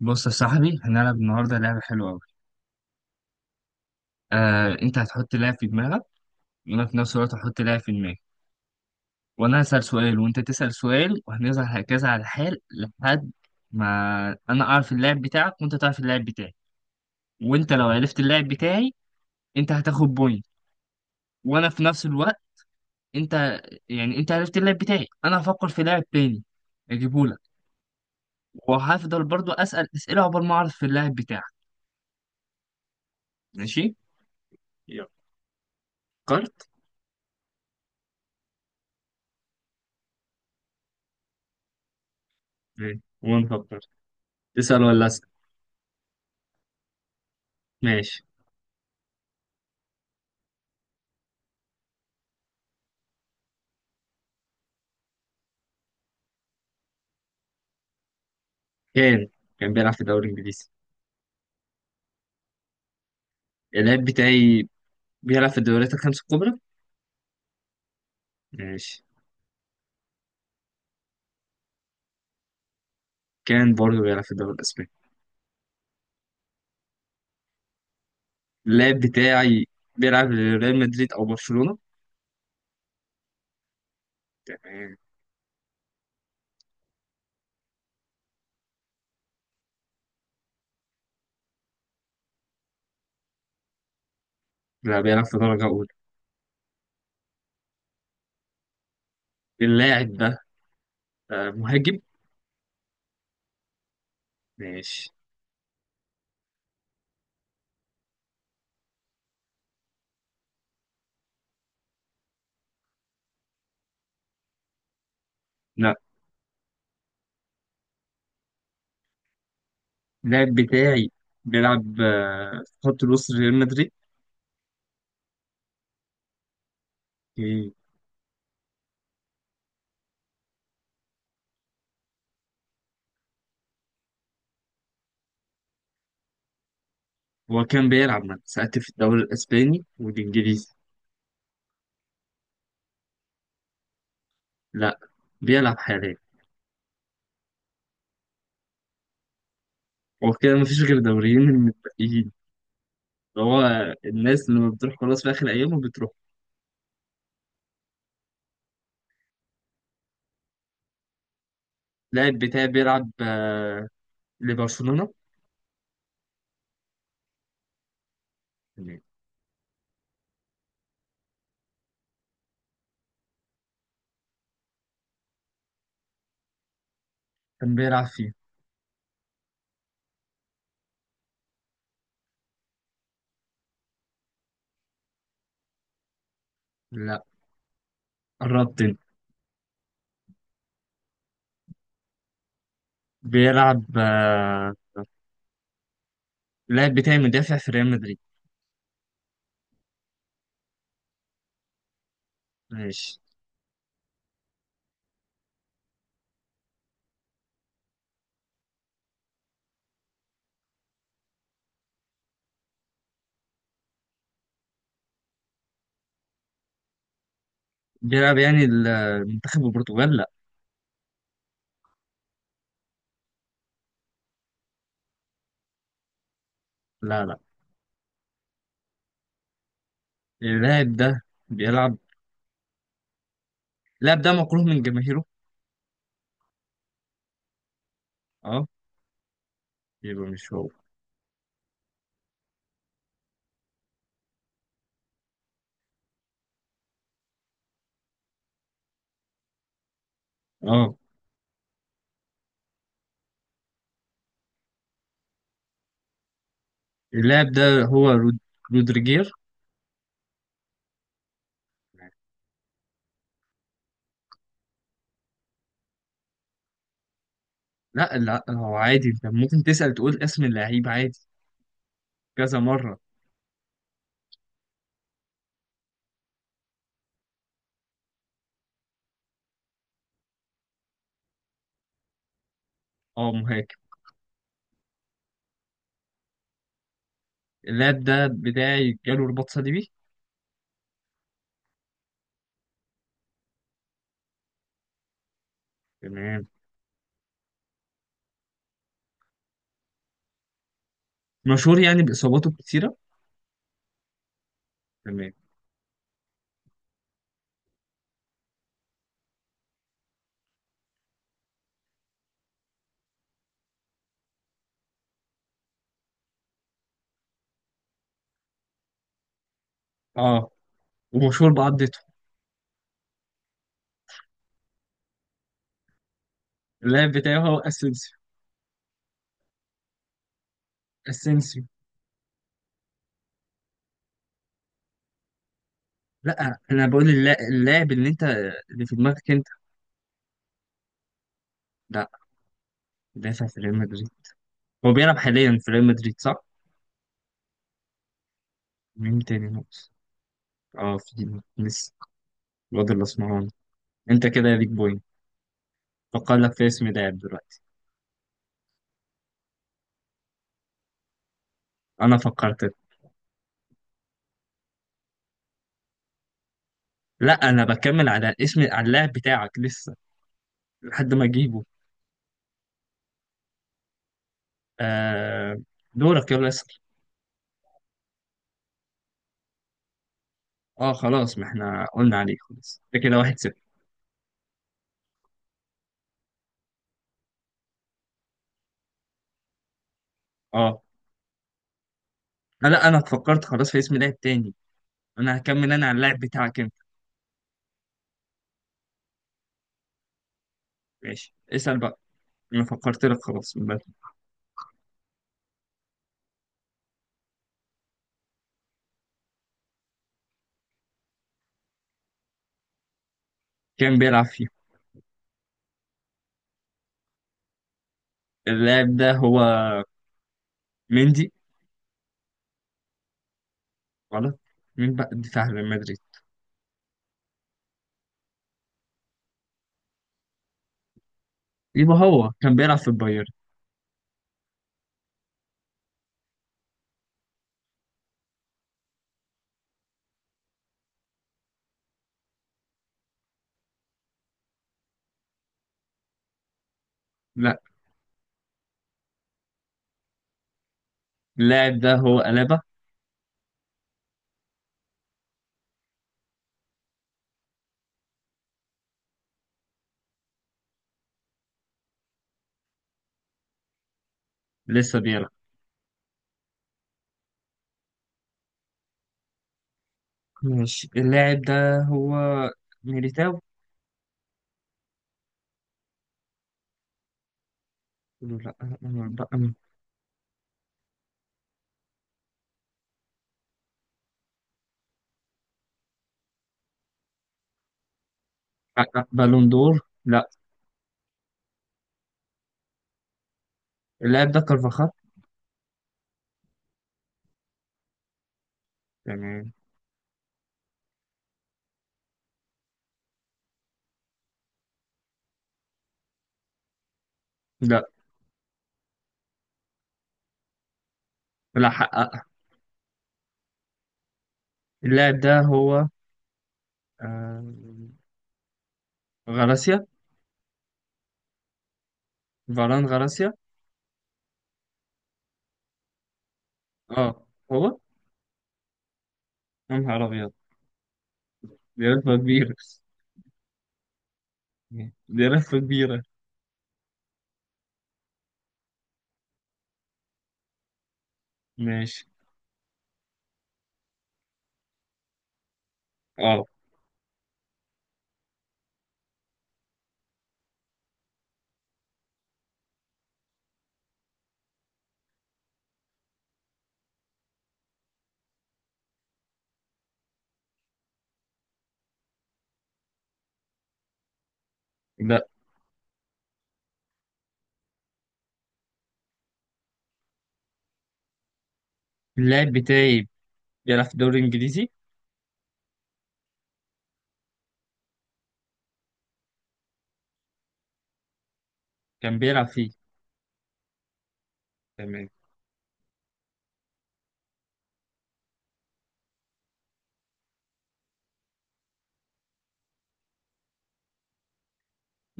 بص يا صاحبي، هنلعب النهارده لعبة حلوة أوي. آه، أنت هتحط لاعب في دماغك، وأنا في نفس الوقت هحط لاعب في دماغي، وأنا هسأل سؤال وأنت تسأل سؤال، وهنفضل هكذا على الحال لحد ما أنا أعرف اللاعب بتاعك وأنت تعرف اللاعب بتاعي. وأنت لو عرفت اللاعب بتاعي أنت هتاخد بوينت، وأنا في نفس الوقت أنت يعني أنت عرفت اللاعب بتاعي أنا هفكر في لاعب تاني أجيبهولك، وهفضل برضو أسأل أسئلة عقبال ما أعرف في اللاعب بتاعك. ماشي؟ يلا. فكرت؟ ماشي وأنا فكرت. تسأل ولا أسأل؟ ماشي. كان كان بيلعب في الدوري الإنجليزي. اللعيب بتاعي بيلعب في الدوريات الخمس الكبرى. ماشي. كان برضه بيلعب في الدوري الأسباني. اللعيب بتاعي بيلعب لريال مدريد أو برشلونة. تمام. لا، بيلعب في درجة أولى. اللاعب ده مهاجم. ماشي. لا، اللاعب بتاعي بيلعب في خط الوسط ريال مدريد. إيه. هو كان بيلعب من ساعات في الدوري الأسباني والإنجليزي. لا، بيلعب حاليا. هو كده مفيش غير دوريين من المتبقيين. هو الناس لما بتروح خلاص في آخر أيامه بتروح. اللاعب بتاعي بيلعب لبرشلونة. كان بيلعب فيه. لا، قربت انت. بيلعب اللاعب بتاعي مدافع في ريال مدريد. ماشي. بيلعب يعني المنتخب البرتغال لا. لا لا. اللاعب ده بيلعب. اللاعب ده مكروه من جماهيره. اه، يبقى مش هو. اه، اللاعب ده هو رودريجير. لا لا، هو عادي انت ممكن تسأل تقول اسم اللعيب عادي كذا مرة. اه، مهاجم. اللاب ده بتاعي جاله رباط صليبي. تمام. مشهور يعني بإصاباته الكتيرة. تمام. اه، ومشهور بعضته. اللاب بتاعي هو اسينسيو. اسينسيو. لا، انا بقول اللاعب اللي انت، اللي في دماغك انت. لا. دافع في ريال مدريد. هو بيلعب حاليا في ريال مدريد صح؟ مين تاني ناقص؟ اه، في لسه الواد الاسمراني. انت كده ليك بوينت. فكر لك في اسم لاعب دلوقتي. انا فكرت. لا، انا بكمل على اسم على اللاعب بتاعك لسه لحد ما اجيبه. آه دورك يلا اسأل. اه خلاص، ما احنا قلنا عليه خلاص، ده كده واحد صفر. اه. لا انا فكرت خلاص في اسم لاعب تاني. انا هكمل انا على اللاعب بتاعك انت. ماشي اسأل بقى، انا فكرت لك خلاص من بدري. كان بيلعب فيه. اللاعب ده هو مندي. غلط. مين بقى الدفاع ريال مدريد؟ يبقى هو كان بيلعب في البايرن. لا. اللاعب ده هو ألابا. لسه بيلعب. ماشي اللاعب ده هو ميليتاو. لا بقى. بالون دور؟ لا. اللاعب ده كارفاخال. تمام. لا لا، حقق. اللاعب ده هو آه، غراسيا. فاران غراسيا. اه هو. يا نهار ابيض، دي لفه كبيره. دي لفه كبيره. ماشي. اه لا، اللاعب بتاعي بيلعب في الدوري الانجليزي. كان بيلعب فيه. تمام.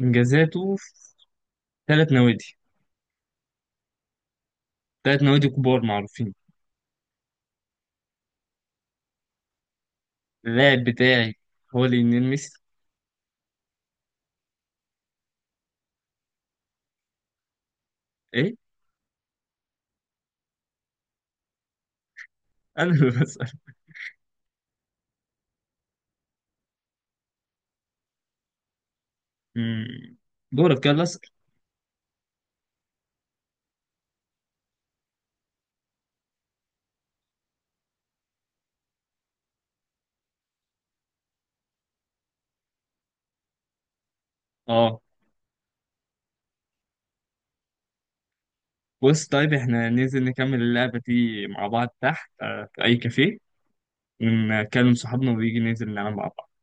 انجازاته في ثلاث نوادي. ثلاث نوادي كبار معروفين. اللاعب بتاعي هو ليونيل ميسي. ايه. انا اللي بسأل. مم. دورك يلا اسأل. اه. بص طيب، احنا ننزل نكمل اللعبة دي مع بعض تحت في أي كافيه. كلم صحابنا ويجي ننزل نلعب مع بعض.